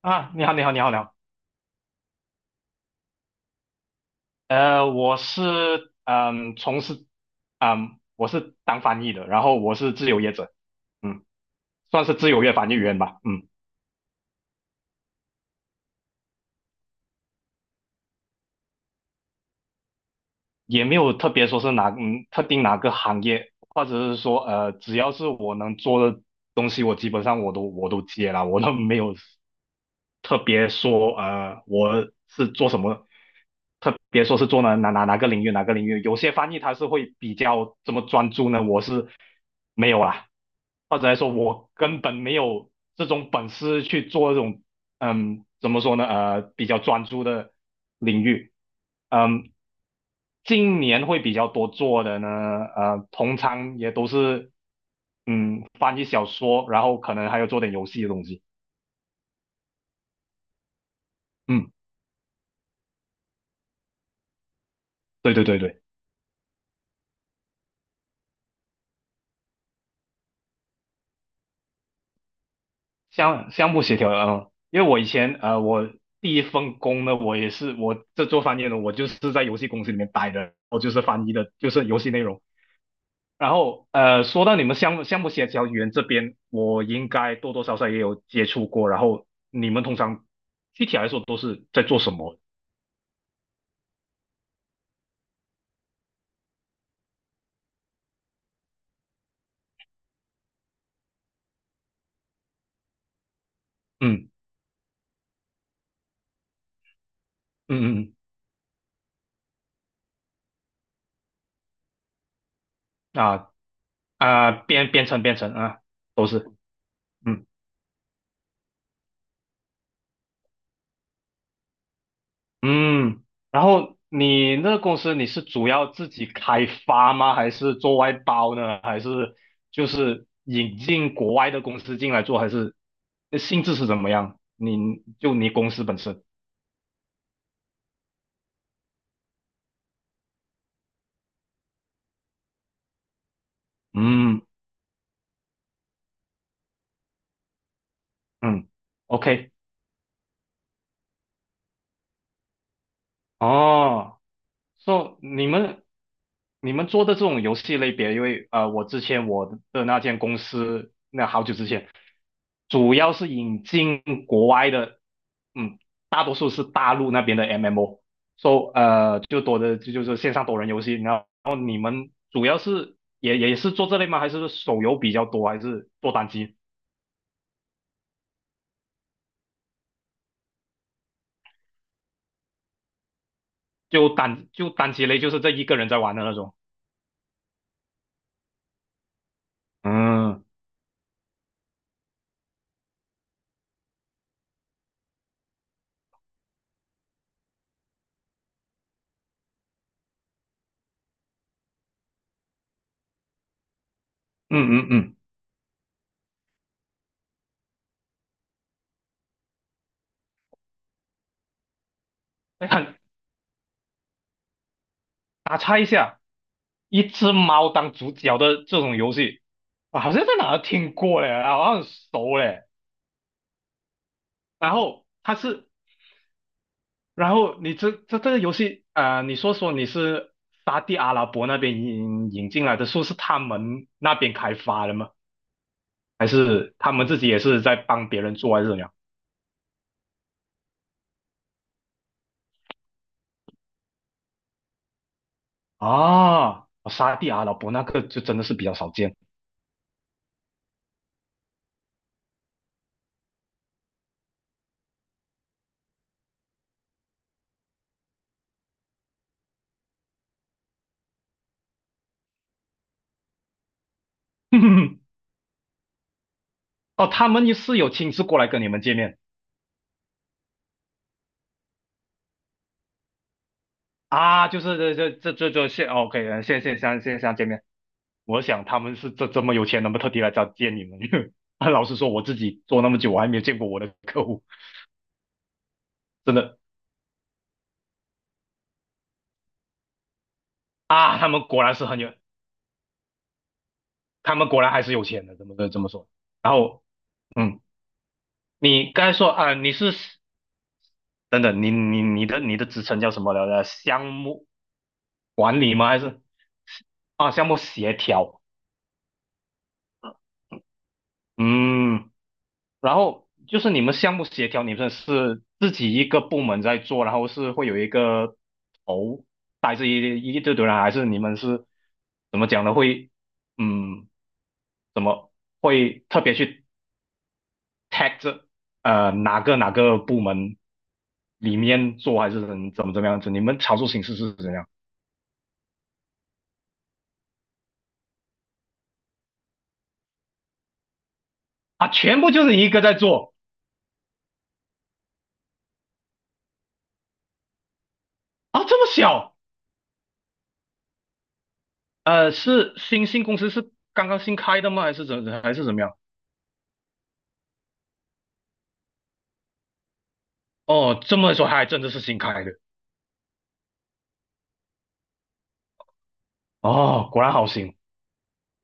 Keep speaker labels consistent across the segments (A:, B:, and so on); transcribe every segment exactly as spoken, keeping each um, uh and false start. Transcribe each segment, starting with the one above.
A: 啊，你好，你好，你好，你好。呃，我是嗯，从事嗯，我是当翻译的，然后我是自由业者，嗯，算是自由业翻译员吧，嗯，也没有特别说是哪嗯特定哪个行业，或者是说呃，只要是我能做的东西，我基本上我都我都接了，我都没有特别说呃我是做什么，特别说是做哪哪哪哪个领域哪个领域，有些翻译他是会比较这么专注呢，我是没有啦，或者来说我根本没有这种本事去做这种嗯怎么说呢呃比较专注的领域，嗯。今年会比较多做的呢，呃，通常也都是，嗯，翻译小说，然后可能还有做点游戏的东西。嗯，对对对对。项项目协调的，嗯，因为我以前呃，我第一份工呢，我也是我这做翻译的，我就是在游戏公司里面待的，我就是翻译的，就是游戏内容。然后呃，说到你们项目项目协调员这边，我应该多多少少也有接触过。然后你们通常具体来说都是在做什么？嗯嗯嗯嗯啊，啊，编编程编程啊，都是嗯。嗯，然后你那个公司你是主要自己开发吗？还是做外包呢？还是就是引进国外的公司进来做？还是性质是怎么样？你就你公司本身？嗯嗯，OK，哦。So 你们你们做的这种游戏类别，因为呃，我之前我的那间公司，那好久之前，主要是引进国外的，嗯，大多数是大陆那边的 M M O。So 呃，就多的就就是线上多人游戏。然后你们主要是也也是做这类吗？还是手游比较多，还是做单机？就单就单机类，就是这一个人在玩的那种。嗯嗯嗯嗯，哎，很打岔一下。一只猫当主角的这种游戏，我好像在哪儿听过嘞，好像很熟嘞。然后它是，然后你这这这个游戏，啊，你说说你是沙地阿拉伯那边引引进来的，说是他们那边开发的吗？还是他们自己也是在帮别人做，还是怎么样？啊，沙地阿拉伯那个就真的是比较少见。哦，他们也是有亲自过来跟你们见面啊，就是这这这这这现 OK，现现现现现见面。我想他们是这这么有钱，能不能特地来找见你们？因为老实说，我自己做那么久，我还没有见过我的客户，真的啊，他们果然是很有，他们果然还是有钱的，怎么的这么说？然后，嗯，你刚才说啊，你是等等，你你你的你的职称叫什么来着？项目管理吗？还是啊，项目协调？嗯，然后就是你们项目协调，你们是自己一个部门在做，然后是会有一个头带着一一堆堆人，还是你们是怎么讲呢？会嗯，怎么会特别去 tag 这呃哪个哪个部门里面做，还是怎怎么怎么样子？你们操作形式是怎样啊？全部就是一个在做啊，这么小？呃，是新新公司是刚刚新开的吗？还是怎还是怎么样？哦，这么说还真的是新开的。哦，果然好行，因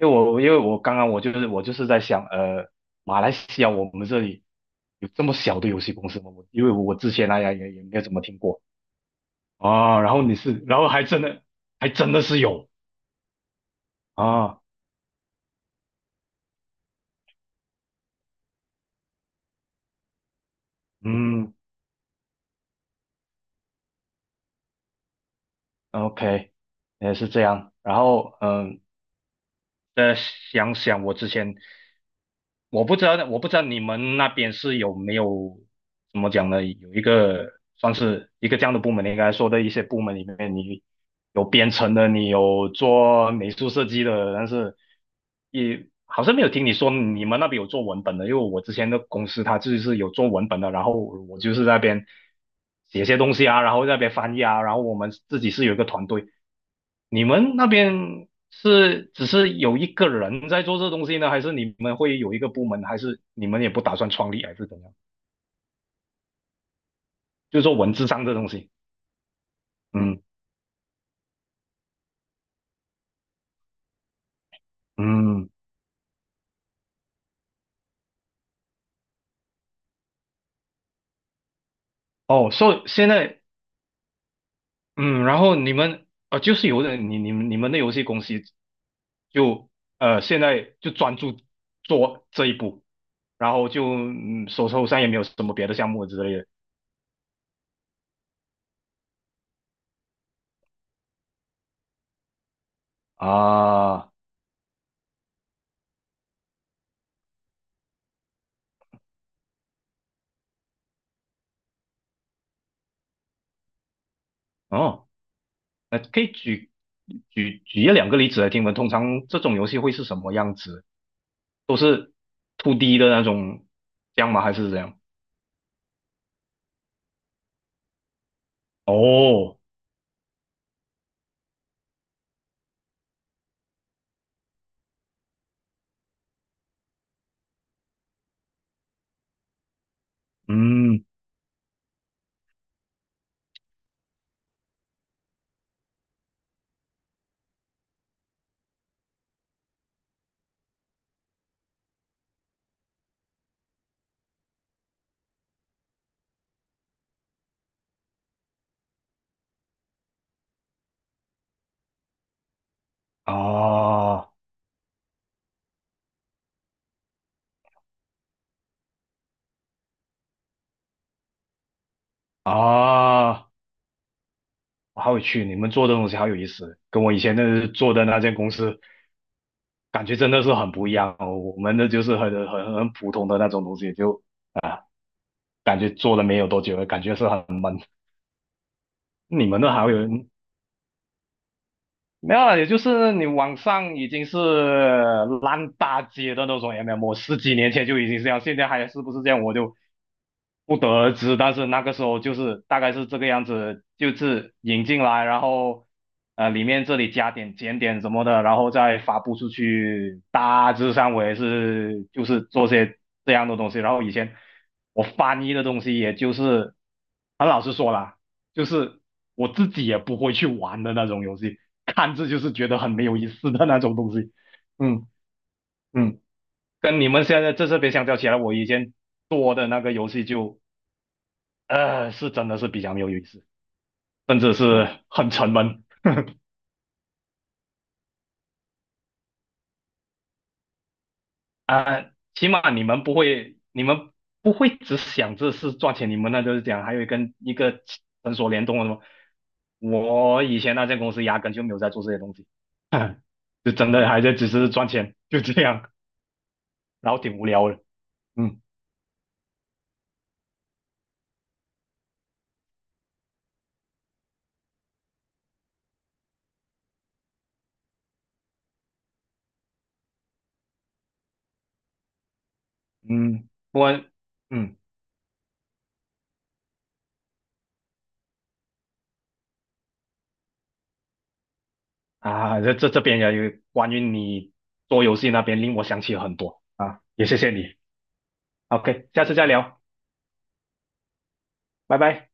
A: 为我因为我刚刚我就是我就是在想，呃，马来西亚我们这里有这么小的游戏公司吗？我因为我之前大呀也也没有怎么听过啊，然后你是，然后还真的还真的是有啊，嗯，OK，也是这样。然后嗯，再想想我之前。我不知道，我不知道你们那边是有没有怎么讲呢？有一个算是一个这样的部门，你刚才说的一些部门里面，你有编程的，你有做美术设计的，但是也好像没有听你说你们那边有做文本的，因为我之前的公司它就是有做文本的，然后我就是在那边写些东西啊，然后在那边翻译啊，然后我们自己是有一个团队，你们那边是只是有一个人在做这东西呢，还是你们会有一个部门，还是你们也不打算创立，还是怎样？就是说文字上这东西，嗯嗯，哦，所以现在嗯，然后你们呃，就是有的你你们你们的游戏公司就呃现在就专注做这一步，然后就嗯手头上也没有什么别的项目之类的啊，哦。呃，可以举举举一两个例子来听闻，通常这种游戏会是什么样子？都是 two d 的那种，这样吗？还是怎样？哦，嗯，啊啊，好有趣！你们做的东西好有意思，跟我以前那做的那间公司感觉真的是很不一样哦。我们的就是很很很普通的那种东西，就啊，感觉做了没有多久，感觉是很，你们的还有没有了，也就是你网上已经是烂大街的那种 M M，我十几年前就已经是这样，现在还是不是这样，我就不得而知。但是那个时候就是大概是这个样子，就是引进来，然后呃里面这里加点减点什么的，然后再发布出去。大致上我也是就是做些这样的东西。然后以前我翻译的东西，也就是很老实说啦，就是我自己也不会去玩的那种游戏，看着就是觉得很没有意思的那种东西。嗯嗯，跟你们现在在这边相较起来，我以前做的那个游戏就呃是真的是比较没有意思，甚至是很沉闷啊，起码你们不会，你们不会只想着是赚钱，你们那就是讲还有跟一个诊所联动的什么。我以前那间公司压根就没有在做这些东西，就真的还在只是赚钱，就这样。然后挺无聊的。嗯嗯，不过嗯啊，这这这边也有关于你做游戏那边令我想起了很多啊，也谢谢你。OK，下次再聊，拜拜。